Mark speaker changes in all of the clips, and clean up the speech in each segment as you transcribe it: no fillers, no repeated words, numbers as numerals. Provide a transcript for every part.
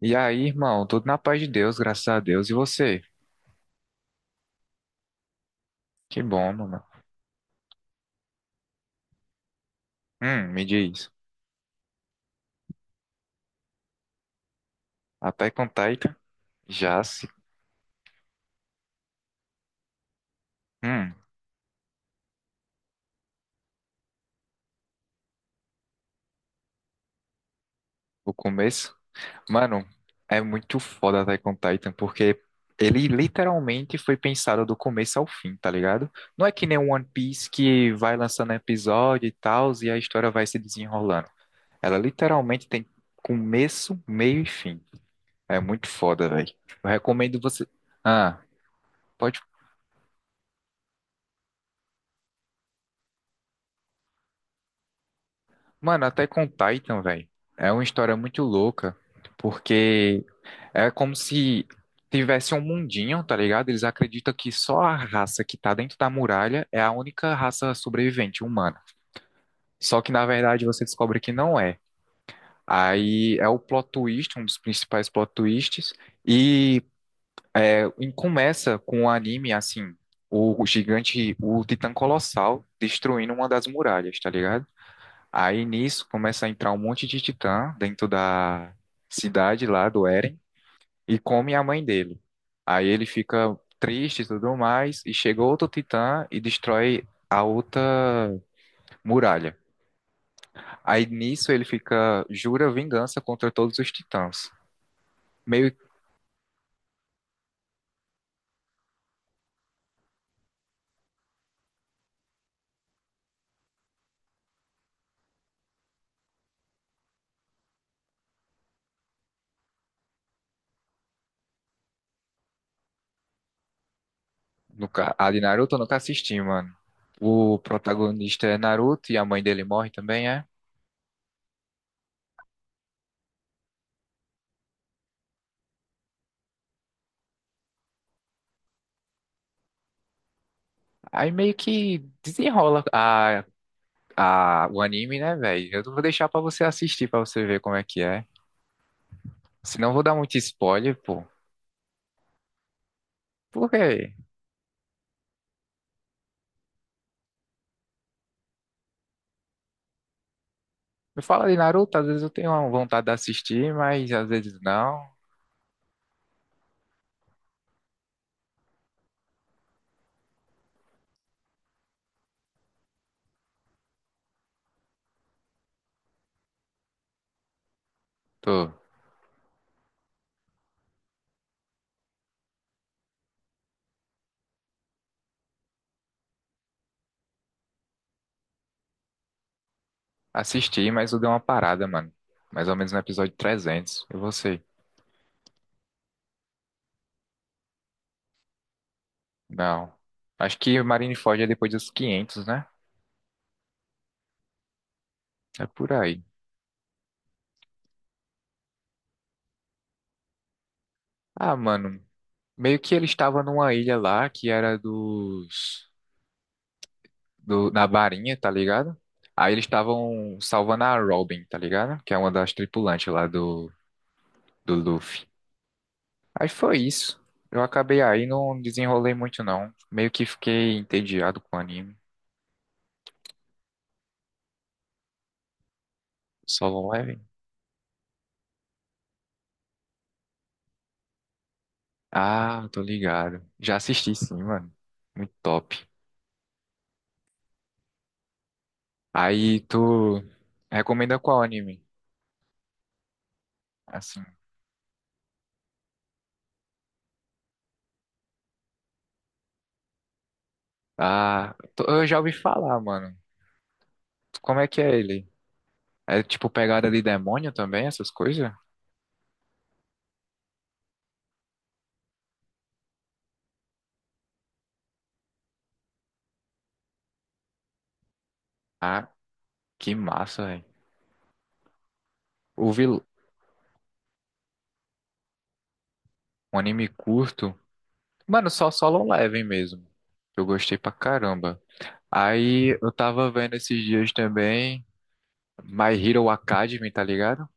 Speaker 1: E aí, irmão, tudo na paz de Deus, graças a Deus. E você? Que bom, mano. Me diz. Attack on Titan, já se. Hum, o começo. Mano, é muito foda Attack on Titan, porque ele literalmente foi pensado do começo ao fim, tá ligado? Não é que nem One Piece que vai lançando episódio e tal, e a história vai se desenrolando. Ela literalmente tem começo, meio e fim. É muito foda, velho. Eu recomendo você. Ah, pode. Mano, até com Titan, velho, é uma história muito louca, porque é como se tivesse um mundinho, tá ligado? Eles acreditam que só a raça que tá dentro da muralha é a única raça sobrevivente humana. Só que na verdade você descobre que não é. Aí é o plot twist, um dos principais plot twists, e e começa com o anime assim, o gigante, o Titã Colossal destruindo uma das muralhas, tá ligado? Aí nisso começa a entrar um monte de titã dentro da cidade lá do Eren e come a mãe dele. Aí ele fica triste e tudo mais, e chega outro titã e destrói a outra muralha. Aí nisso ele fica, jura vingança contra todos os titãs. Meio nunca, a de Naruto eu nunca assisti, mano. O protagonista é Naruto e a mãe dele morre também, é? Aí meio que desenrola a. Ah, o anime, né, velho? Eu vou deixar pra você assistir, pra você ver como é que é. Senão eu vou dar muito spoiler, pô. Por quê? Me fala de Naruto, às vezes eu tenho uma vontade de assistir, mas às vezes não. Tô. Assisti, mas eu dei uma parada, mano. Mais ou menos no episódio 300. E você? Não. Acho que Marineford é depois dos 500, né? É por aí. Ah, mano. Meio que ele estava numa ilha lá que era dos... do- na barinha, tá ligado? Aí eles estavam salvando a Robin, tá ligado? Que é uma das tripulantes lá do, do Luffy. Aí foi isso. Eu acabei aí, não desenrolei muito não. Meio que fiquei entediado com o anime. Solo Leveling? Ah, tô ligado. Já assisti sim, mano. Muito top. Aí tu recomenda qual anime? Assim. Ah, tô- eu já ouvi falar, mano. Como é que é ele? É tipo pegada de demônio também, essas coisas? Ah, que massa, velho. O vil... um anime curto. Mano, só Solo Leveling mesmo. Eu gostei pra caramba. Aí eu tava vendo esses dias também My Hero Academy, tá ligado?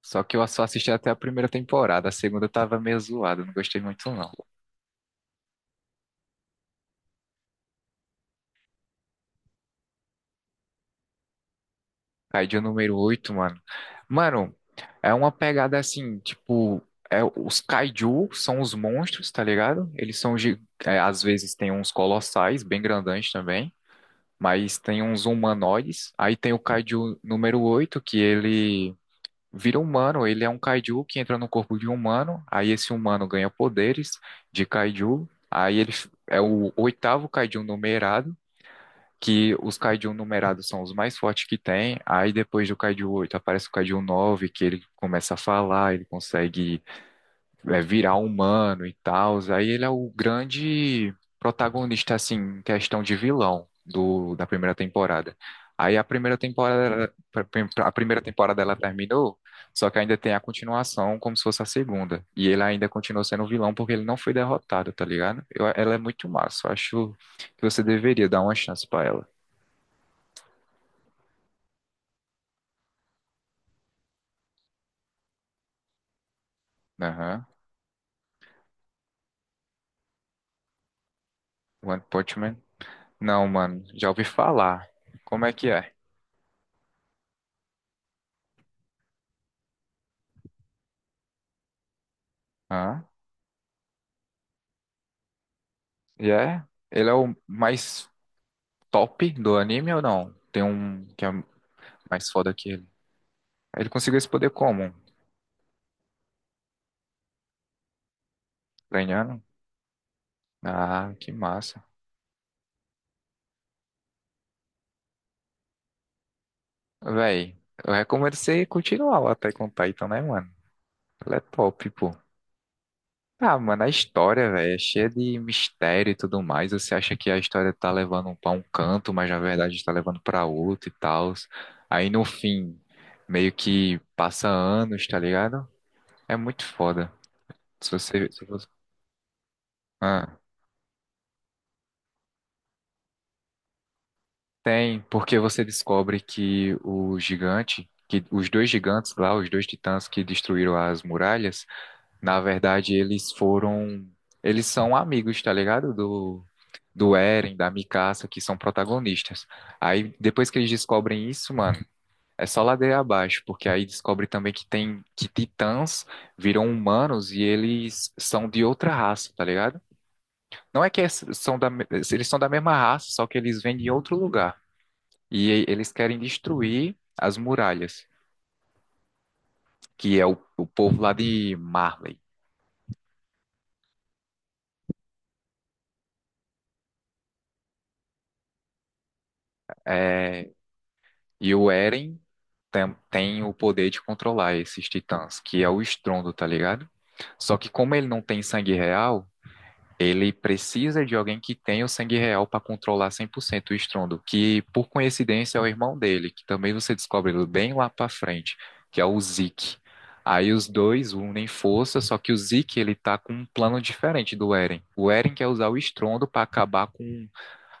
Speaker 1: Só que eu só assisti até a primeira temporada. A segunda tava meio zoado, não gostei muito não. Kaiju número oito, mano. Mano, é uma pegada assim, tipo, é, os kaiju são os monstros, tá ligado? Eles são, gi- é, às vezes tem uns colossais, bem grandões também. Mas tem uns humanoides. Aí tem o Kaiju número oito que ele vira humano. Ele é um Kaiju que entra no corpo de um humano. Aí esse humano ganha poderes de Kaiju. Aí ele f- é o oitavo Kaiju numerado, que os Kaiju numerados são os mais fortes que tem. Aí depois do Kaiju 8 aparece o Kaiju 9 que ele começa a falar, ele consegue é, virar humano e tal. Aí ele é o grande protagonista, assim, em questão de vilão do, da primeira temporada. Aí a primeira temporada ela terminou, só que ainda tem a continuação como se fosse a segunda. E ele ainda continua sendo vilão porque ele não foi derrotado, tá ligado? Eu- ela é muito massa. Eu acho que você deveria dar uma chance pra ela. Aham. One Punch Man? Não, mano, já ouvi falar. Como é que é? Hã? E é? Ele é o mais top do anime ou não? Tem um que é mais foda que ele. Ele conseguiu esse poder como? Ganhando? Ah, que massa. Véi, eu recomendo você continuar lá até com Titan, né, mano? Ele é top, pô. Ah, mano, a história, velho, é cheia de mistério e tudo mais. Você acha que a história tá levando pra um canto, mas na verdade tá levando pra outro e tal. Aí no fim, meio que passa anos, tá ligado? É muito foda. Se você. Se você... Ah. Tem, porque você descobre que o gigante, que os dois gigantes lá, os dois titãs que destruíram as muralhas, na verdade eles foram, eles são amigos, tá ligado? Do, do Eren, da Mikasa, que são protagonistas. Aí depois que eles descobrem isso, mano, é só ladeira abaixo, porque aí descobre também que tem, que titãs viram humanos e eles são de outra raça, tá ligado? Não é que é- são da, me- eles são da mesma raça, só que eles vêm de outro lugar e eles querem destruir as muralhas, que é o povo lá de Marley. É, e o Eren tem, tem o poder de controlar esses titãs, que é o estrondo, tá ligado? Só que como ele não tem sangue real, ele precisa de alguém que tenha o sangue real para controlar 100% o estrondo, que por coincidência é o irmão dele, que também você descobre bem lá para frente, que é o Zeke. Aí os dois unem força, só que o Zeke ele tá com um plano diferente do Eren. O Eren quer usar o estrondo para acabar com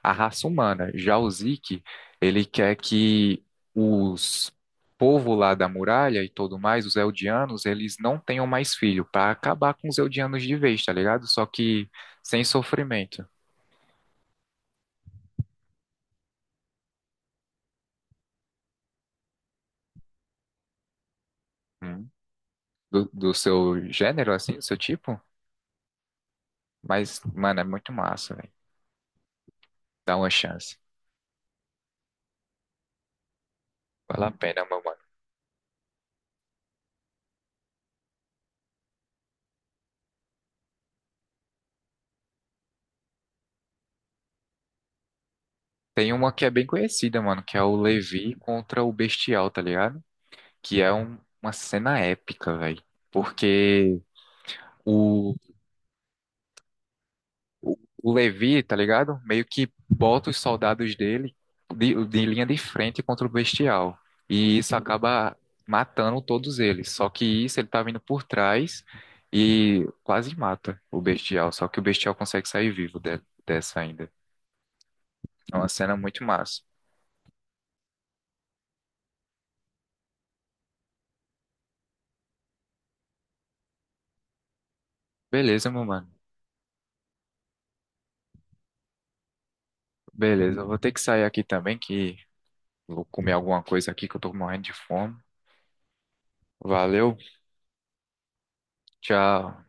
Speaker 1: a raça humana. Já o Zeke, ele quer que os povo lá da muralha e tudo mais, os Eldianos, eles não tenham mais filho, para acabar com os Eldianos de vez, tá ligado? Só que sem sofrimento. Hum. Do, do seu gênero, assim, do seu tipo. Mas, mano, é muito massa, velho. Dá uma chance. Vale a pena, meu mano. Tem uma que é bem conhecida, mano, que é o Levi contra o Bestial, tá ligado? Que é um- uma cena épica, velho. Porque o O o Levi, tá ligado? Meio que bota os soldados dele de linha de frente contra o Bestial. E isso acaba matando todos eles. Só que isso ele tá vindo por trás e quase mata o Bestial. Só que o Bestial consegue sair vivo de- dessa ainda. É uma cena muito massa. Beleza, meu mano. Beleza, eu vou ter que sair aqui também, que vou comer alguma coisa aqui que eu tô morrendo de fome. Valeu, tchau.